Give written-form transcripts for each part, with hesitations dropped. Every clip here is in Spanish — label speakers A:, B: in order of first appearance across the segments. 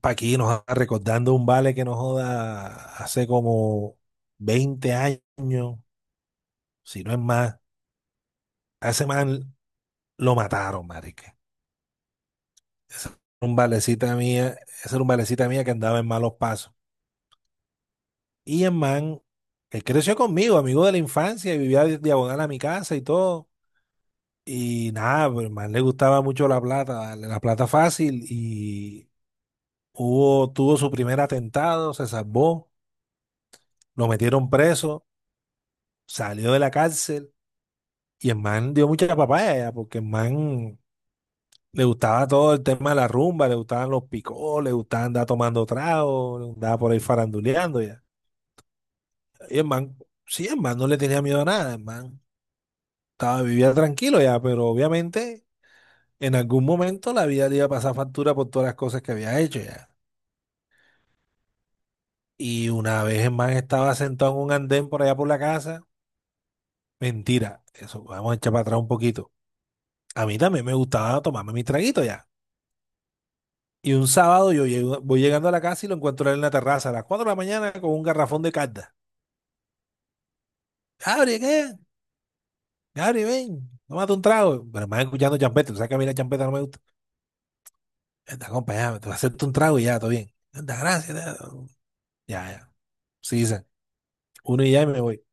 A: Paquí nos está recordando un vale que nos joda hace como 20 años, si no es más. A ese man lo mataron, marica. Ese era un valecita mía, Ese era un valecita mía que andaba en malos pasos. Y el man, él creció conmigo, amigo de la infancia, y vivía diagonal a mi casa y todo. Y nada, pues el man le gustaba mucho la plata, darle la plata fácil. Y tuvo su primer atentado, se salvó, lo metieron preso, salió de la cárcel. Y el man dio mucha papaya, porque el man le gustaba todo el tema de la rumba, le gustaban los picos, le gustaba andar tomando trago, andaba por ahí faranduleando ya. Y el man, sí, el man no le tenía miedo a nada, el man vivía tranquilo ya, pero obviamente en algún momento la vida le iba a pasar factura por todas las cosas que había hecho ya. Y una vez el man estaba sentado en un andén por allá por la casa, mentira, eso, vamos a echar para atrás un poquito. A mí también me gustaba tomarme mi traguito ya. Y un sábado voy llegando a la casa y lo encuentro a él en la terraza a las 4 de la mañana con un garrafón de carta. Gabri, ¿qué? Gabri, ven, tómate un trago. Pero me van escuchando champeta, tú sabes que a mí la champeta no me gusta. Anda, acompáñame, te voy a hacerte un trago y ya, todo bien. Anda, gracias. Ya, ya. Sí, dicen, uno y ya y me voy.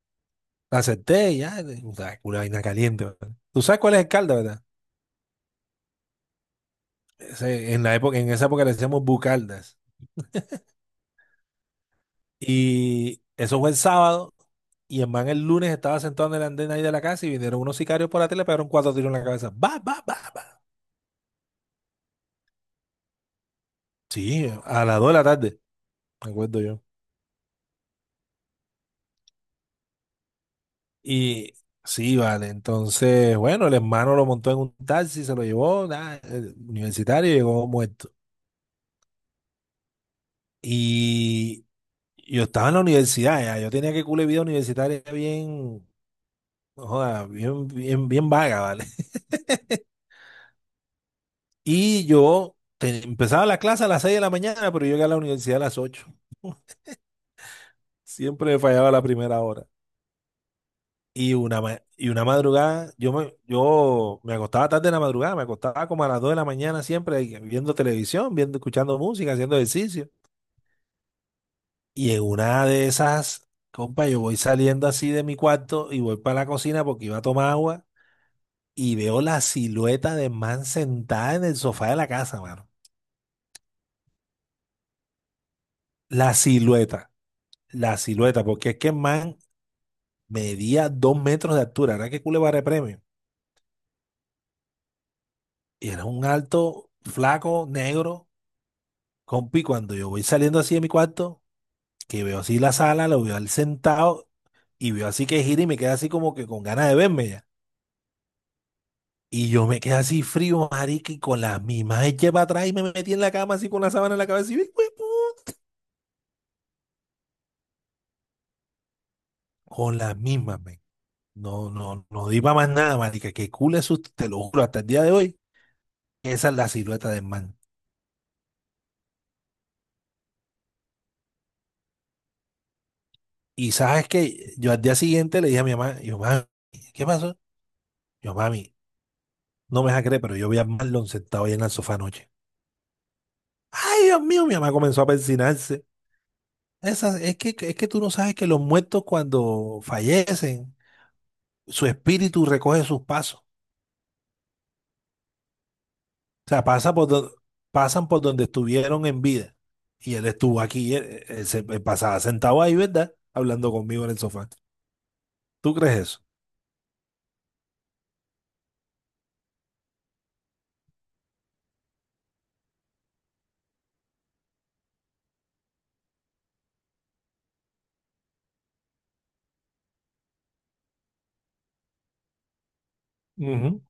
A: La acepté y ya, o sea, una vaina caliente. ¿Verdad? Tú sabes cuál es el calda, ¿verdad? En esa época le decíamos bucaldas. Y eso fue el sábado. Y en man el lunes estaba sentado en el andén ahí de la casa y vinieron unos sicarios por la tele, pegaron cuatro tiros en la cabeza. ¡Bah, bah, bah, bah! Sí, a las 2 de la tarde, me acuerdo yo. Y sí, vale. Entonces, bueno, el hermano lo montó en un taxi, se lo llevó, nada, el universitario, llegó muerto. Y yo estaba en la universidad, ya. Yo tenía que cule vida universitaria bien, no joda, bien, bien, bien vaga, ¿vale? Y empezaba la clase a las 6 de la mañana, pero yo llegué a la universidad a las 8. Siempre fallaba la primera hora. Y Y una madrugada, yo me acostaba tarde en la madrugada, me acostaba como a las 2 de la mañana siempre y viendo televisión, viendo, escuchando música, haciendo ejercicio. Y en una de esas, compa, yo voy saliendo así de mi cuarto y voy para la cocina porque iba a tomar agua y veo la silueta de man sentada en el sofá de la casa, mano. La silueta, la silueta, porque es que el man medía 2 metros de altura, era que Culebarre premio. Y era un alto, flaco, negro, compi. Cuando yo voy saliendo así de mi cuarto, que veo así la sala, lo veo al sentado y veo así que gira y me queda así como que con ganas de verme ya. Y yo me quedé así frío, marica, y con las mismas eché para atrás y me metí en la cama así con la sábana en la cabeza y ¡uy, uy, pu-! Con las mismas, men. No, no, no di para más nada, marica. Que cool es, te lo juro, hasta el día de hoy. Esa es la silueta del man. Y sabes que yo al día siguiente le dije a mi mamá, yo, mami, ¿qué pasó? Yo, mami, no me vas a creer, pero yo vi a Marlon sentado ahí en el sofá anoche. Ay, Dios mío, mi mamá comenzó a persinarse. Esa, es que tú no sabes que los muertos cuando fallecen, su espíritu recoge sus pasos. O sea, pasan por donde estuvieron en vida. Y él estuvo aquí, él pasaba sentado ahí, ¿verdad? Hablando conmigo en el sofá. ¿Tú crees eso? Ujú,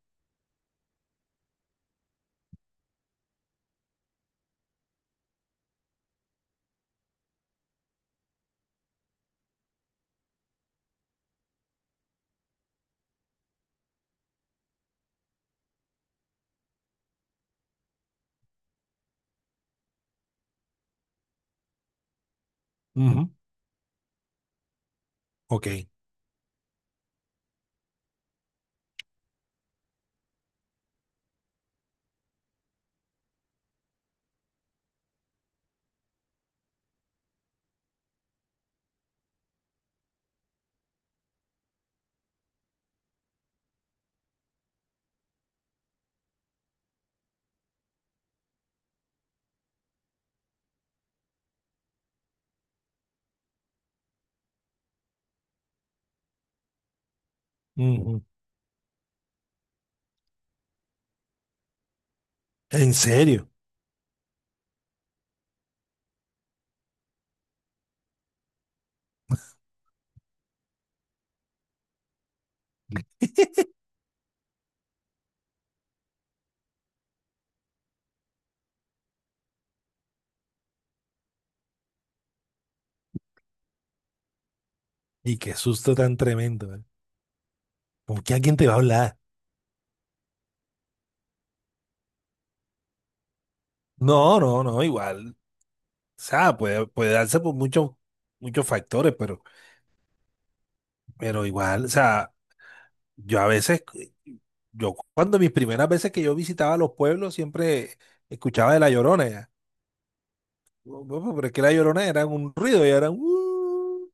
A: ujú. Ok. Ujú. ¿En serio? Y qué susto tan tremendo, ¿eh? ¿Cómo que alguien te va a hablar? No, no, no, igual. O sea, puede darse por muchos, muchos factores, pero igual, o sea, yo a veces, yo cuando mis primeras veces que yo visitaba los pueblos, siempre escuchaba de la Llorona ya. Bueno, bueno, pero es que la Llorona era un ruido, y era un...".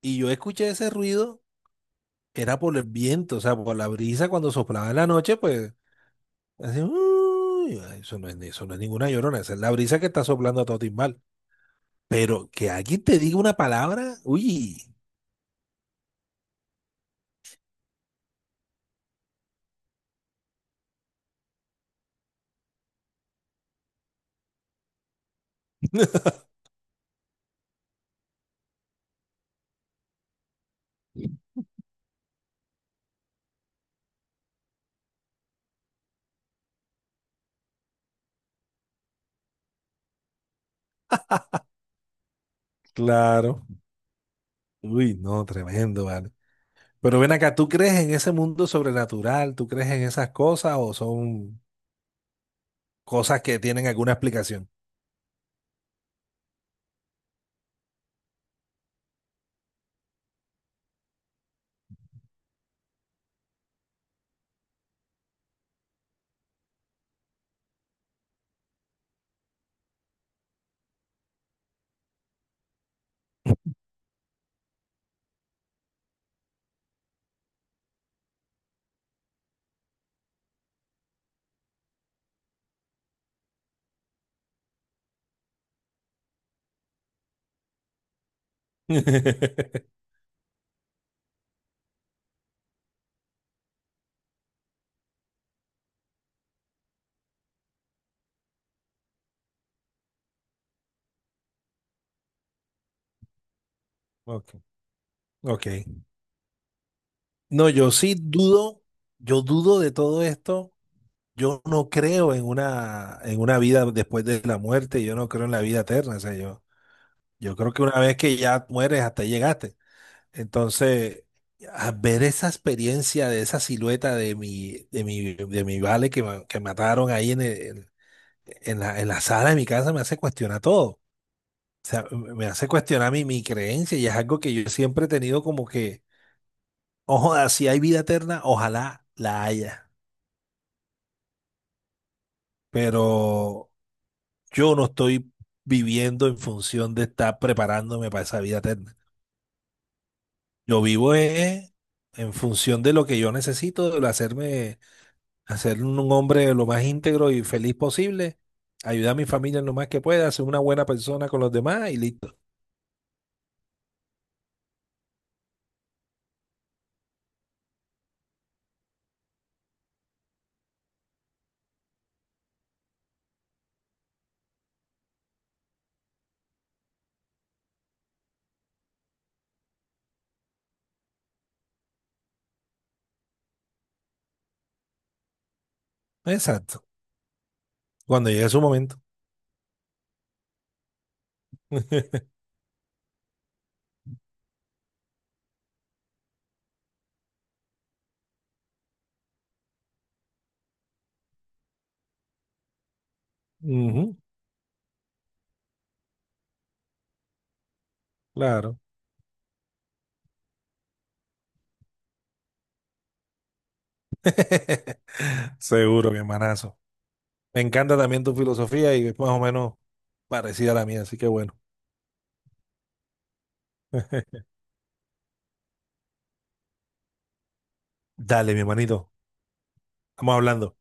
A: Y yo escuché ese ruido, era por el viento, o sea, por la brisa cuando soplaba en la noche, pues, así". Y yo, "Ay, eso no es ninguna Llorona, esa es la brisa que está soplando a todo timbal." Pero que alguien te diga una palabra, uy, claro, uy, no, tremendo, vale. Pero ven acá, ¿tú crees en ese mundo sobrenatural? ¿Tú crees en esas cosas o son cosas que tienen alguna explicación? Ok, ok. No, yo sí dudo, yo dudo de todo esto. Yo no creo en una vida después de la muerte, yo no creo en la vida eterna. O sea, yo creo que una vez que ya mueres, hasta ahí llegaste. Entonces, a ver esa experiencia de esa silueta de mi vale que mataron ahí en, el- en la sala de mi casa me hace cuestionar todo. O sea, me hace cuestionar mi creencia y es algo que yo siempre he tenido como que, ojo, si hay vida eterna, ojalá la haya. Pero yo no estoy viviendo en función de estar preparándome para esa vida eterna. Yo vivo en función de lo que yo necesito, de hacerme hacer un hombre lo más íntegro y feliz posible, ayudar a mi familia en lo más que pueda, ser una buena persona con los demás y listo. Exacto. Cuando llegue su momento. Ujú, claro. Seguro, mi hermanazo. Me encanta también tu filosofía y es más o menos parecida a la mía, así que bueno. Dale, mi hermanito. Estamos hablando.